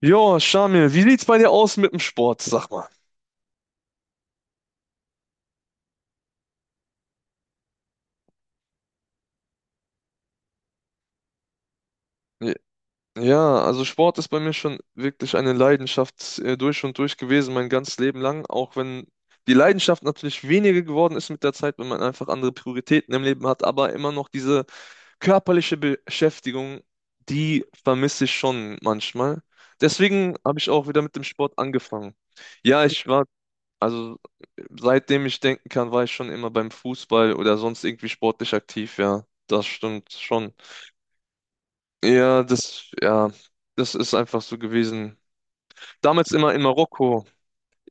Jo, Shamil, wie sieht's bei dir aus mit dem Sport, sag mal? J- Ja, also Sport ist bei mir schon wirklich eine Leidenschaft durch und durch gewesen, mein ganzes Leben lang, auch wenn die Leidenschaft natürlich weniger geworden ist mit der Zeit, wenn man einfach andere Prioritäten im Leben hat, aber immer noch diese körperliche Beschäftigung, die vermisse ich schon manchmal. Deswegen habe ich auch wieder mit dem Sport angefangen. Ja, ich war. Also seitdem ich denken kann, war ich schon immer beim Fußball oder sonst irgendwie sportlich aktiv, ja. Das stimmt schon. Ja, das ist einfach so gewesen. Damals immer in Marokko.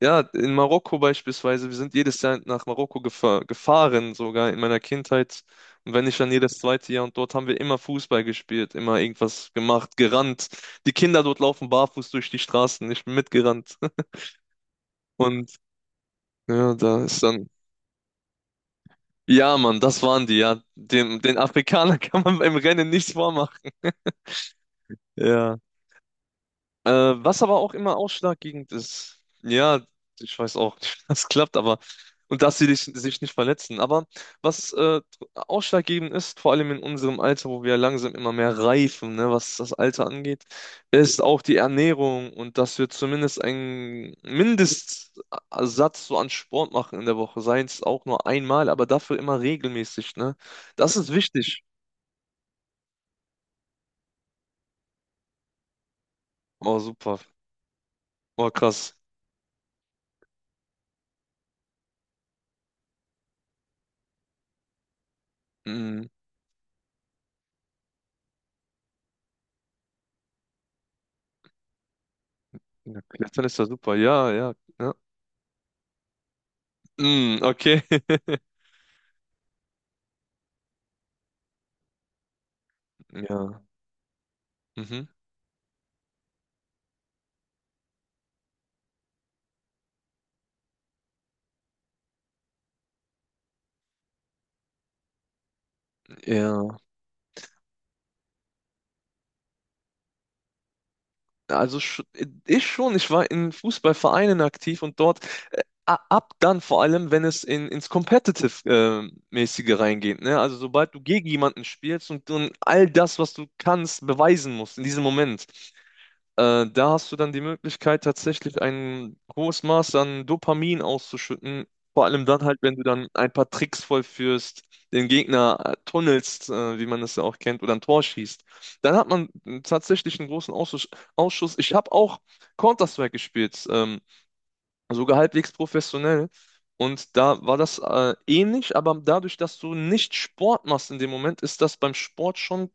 Ja, in Marokko beispielsweise. Wir sind jedes Jahr nach Marokko gefahren, sogar in meiner Kindheit. Und wenn nicht, dann jedes zweite Jahr. Und dort haben wir immer Fußball gespielt, immer irgendwas gemacht, gerannt. Die Kinder dort laufen barfuß durch die Straßen. Ich bin mitgerannt. Und ja, da ist dann. Ja, Mann, das waren die, ja. Dem, den Afrikanern kann man beim Rennen nichts vormachen. Ja. Was aber auch immer ausschlaggebend ist. Ja, ich weiß auch nicht, wie das klappt, aber. Und dass sie dich, sich nicht verletzen. Aber was ausschlaggebend ist, vor allem in unserem Alter, wo wir langsam immer mehr reifen, ne, was das Alter angeht, ist auch die Ernährung und dass wir zumindest einen Mindestsatz so an Sport machen in der Woche. Sei es auch nur einmal, aber dafür immer regelmäßig, ne? Das ist wichtig. Oh, super. Oh, krass. Mhm. Ja, Klettern ist ja super. Ja, ja. Ja. Mhm, okay. Ja. Mhm. Ja. Also sch, ich schon, ich war in Fußballvereinen aktiv und dort ab dann vor allem, wenn es in, ins Competitive-mäßige reingeht, ne? Also sobald du gegen jemanden spielst und all das, was du kannst, beweisen musst in diesem Moment. Da hast du dann die Möglichkeit, tatsächlich ein hohes Maß an Dopamin auszuschütten. Vor allem dann halt, wenn du dann ein paar Tricks vollführst, den Gegner tunnelst, wie man es ja auch kennt, oder ein Tor schießt. Dann hat man tatsächlich einen großen Ausschuss. Ausschuss. Ich habe auch Counter-Strike gespielt. Sogar halbwegs professionell. Und da war das ähnlich, aber dadurch, dass du nicht Sport machst in dem Moment, ist das beim Sport schon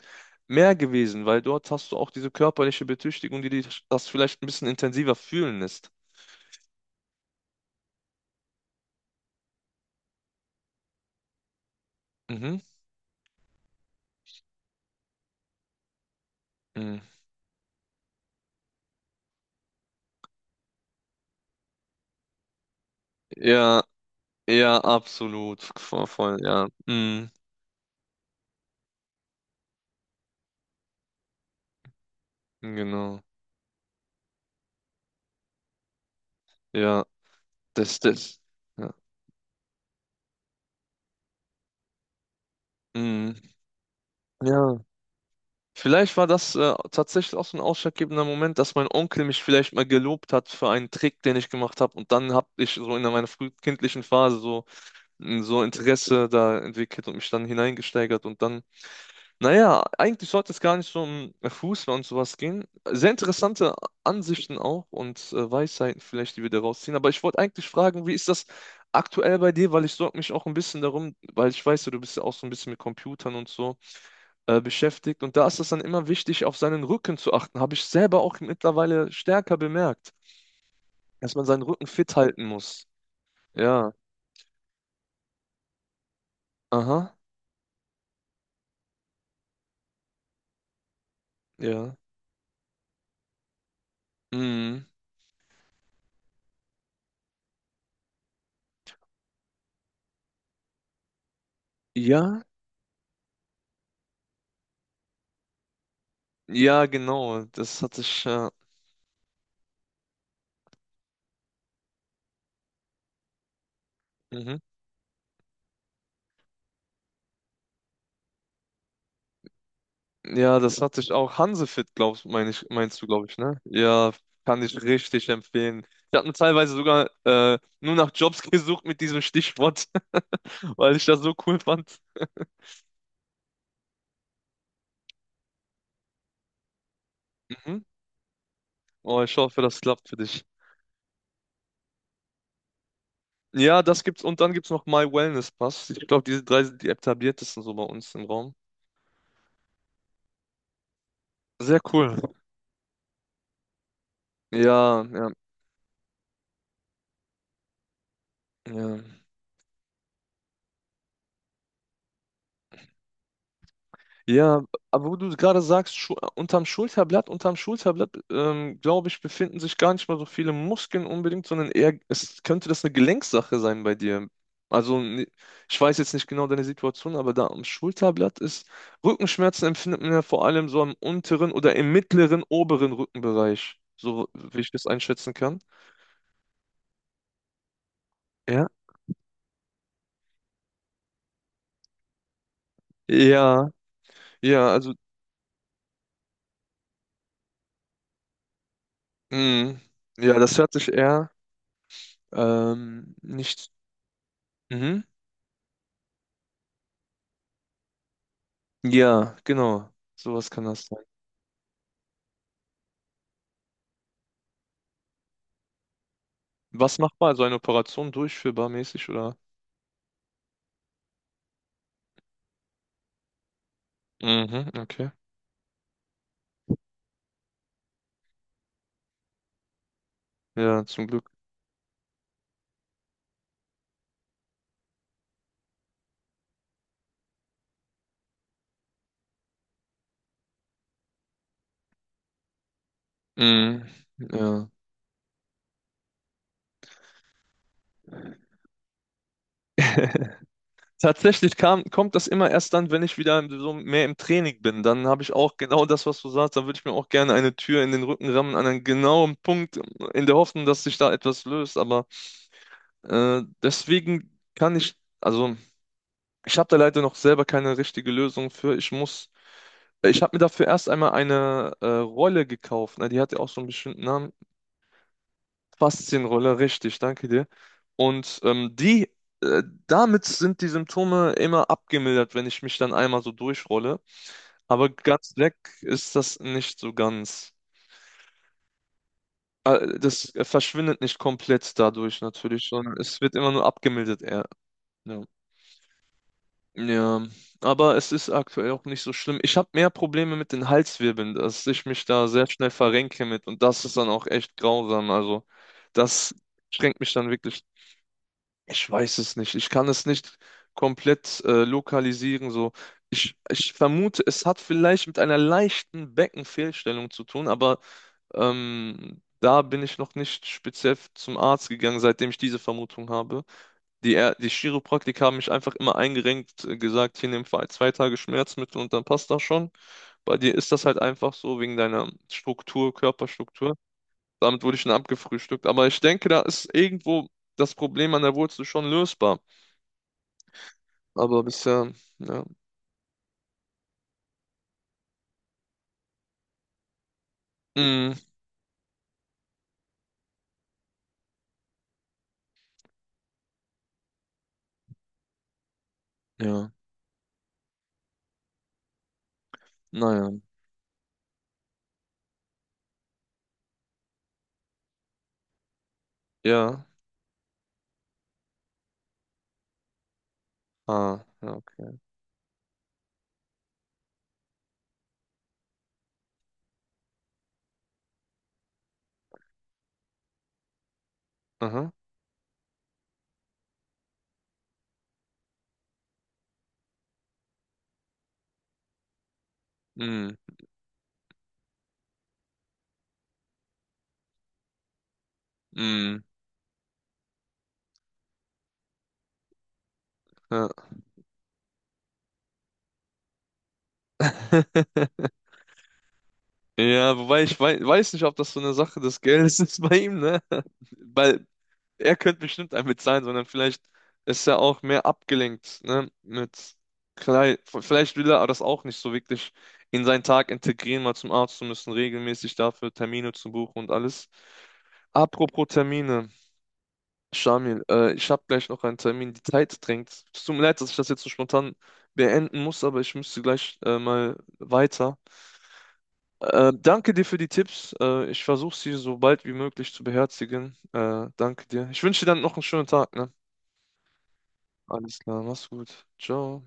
mehr gewesen, weil dort hast du auch diese körperliche Betüchtigung, die dich das vielleicht ein bisschen intensiver fühlen lässt. Mhm. Mhm. Ja, ja, absolut. Voll, voll, ja. Mhm. Genau. Ja, das, das. Ja. Mhm. Ja. Vielleicht war das tatsächlich auch so ein ausschlaggebender Moment, dass mein Onkel mich vielleicht mal gelobt hat für einen Trick, den ich gemacht habe. Und dann habe ich so in meiner frühkindlichen Phase so, so Interesse da entwickelt und mich dann hineingesteigert. Und dann, naja, eigentlich sollte es gar nicht so um Fußball und sowas gehen. Sehr interessante Ansichten auch und Weisheiten vielleicht, die wir da rausziehen. Aber ich wollte eigentlich fragen, wie ist das aktuell bei dir? Weil ich sorge mich auch ein bisschen darum, weil ich weiß, ja, du bist ja auch so ein bisschen mit Computern und so beschäftigt. Und da ist es dann immer wichtig, auf seinen Rücken zu achten. Habe ich selber auch mittlerweile stärker bemerkt, dass man seinen Rücken fit halten muss. Ja, aha, ja. Mhm. Ja, ja, genau. Das hatte ich. Mhm. Ja, das hatte ich auch. Hansefit, meinst du, glaube ich, ne? Ja, kann ich richtig empfehlen. Ich habe mir teilweise sogar nur nach Jobs gesucht mit diesem Stichwort, weil ich das so cool fand. Mhm. Oh, ich hoffe, das klappt für dich. Ja, das gibt's und dann gibt's noch My Wellness Pass. Ich glaube, diese drei sind die etabliertesten so bei uns im Raum. Sehr cool. Ja, ja, ja. Ja, aber wo du gerade sagst, Schu unterm Schulterblatt, glaube ich, befinden sich gar nicht mal so viele Muskeln unbedingt, sondern eher, es könnte das eine Gelenksache sein bei dir. Also, ich weiß jetzt nicht genau deine Situation, aber da am Schulterblatt ist, Rückenschmerzen empfindet man ja vor allem so am unteren oder im mittleren, oberen Rückenbereich, so wie ich das einschätzen kann. Ja. Ja, ja, also, mh, ja, das hört sich eher nicht. Mhm. Ja, genau. Sowas kann das sein. Was machbar? Also eine Operation durchführbar mäßig oder? Mhm, okay. Ja, zum Glück. Mhm, ja. Tatsächlich kommt das immer erst dann, wenn ich wieder so mehr im Training bin. Dann habe ich auch genau das, was du sagst. Dann würde ich mir auch gerne eine Tür in den Rücken rammen, an einen genauen Punkt, in der Hoffnung, dass sich da etwas löst. Aber deswegen kann ich, also ich habe da leider noch selber keine richtige Lösung für. Ich muss, ich habe mir dafür erst einmal eine Rolle gekauft. Na, die hat ja auch so einen bestimmten Namen. Faszienrolle, richtig, danke dir. Und die, äh, damit sind die Symptome immer abgemildert, wenn ich mich dann einmal so durchrolle. Aber ganz weg ist das nicht so ganz. Das verschwindet nicht komplett dadurch natürlich, sondern es wird immer nur abgemildert eher. Ja. Ja, aber es ist aktuell auch nicht so schlimm. Ich habe mehr Probleme mit den Halswirbeln, dass ich mich da sehr schnell verrenke mit und das ist dann auch echt grausam. Also das schränkt mich dann wirklich. Ich weiß es nicht. Ich kann es nicht komplett lokalisieren. So, ich vermute, es hat vielleicht mit einer leichten Beckenfehlstellung zu tun, aber da bin ich noch nicht speziell zum Arzt gegangen, seitdem ich diese Vermutung habe. Die Chiropraktiker haben mich einfach immer eingerenkt, gesagt, hier nimm zwei Tage Schmerzmittel und dann passt das schon. Bei dir ist das halt einfach so wegen deiner Struktur, Körperstruktur. Damit wurde ich dann abgefrühstückt. Aber ich denke, da ist irgendwo das Problem an der Wurzel schon lösbar. Aber bisher, ja. Mm, ja, naja. Ja. Ah, ja, okay. Aha. Mm, mm, ja. Ja, wobei ich weiß nicht, ob das so eine Sache des Geldes ist bei ihm, ne? Weil er könnte bestimmt ein mit sein, sondern vielleicht ist er auch mehr abgelenkt, ne? Mit vielleicht will er das auch nicht so wirklich in seinen Tag integrieren, mal zum Arzt zu müssen, regelmäßig dafür Termine zu buchen und alles. Apropos Termine, Shamil, ich habe gleich noch einen Termin, die Zeit drängt. Es tut mir leid, dass ich das jetzt so spontan beenden muss, aber ich müsste gleich mal weiter. Danke dir für die Tipps. Ich versuche sie so bald wie möglich zu beherzigen. Danke dir. Ich wünsche dir dann noch einen schönen Tag, ne? Alles klar, mach's gut. Ciao.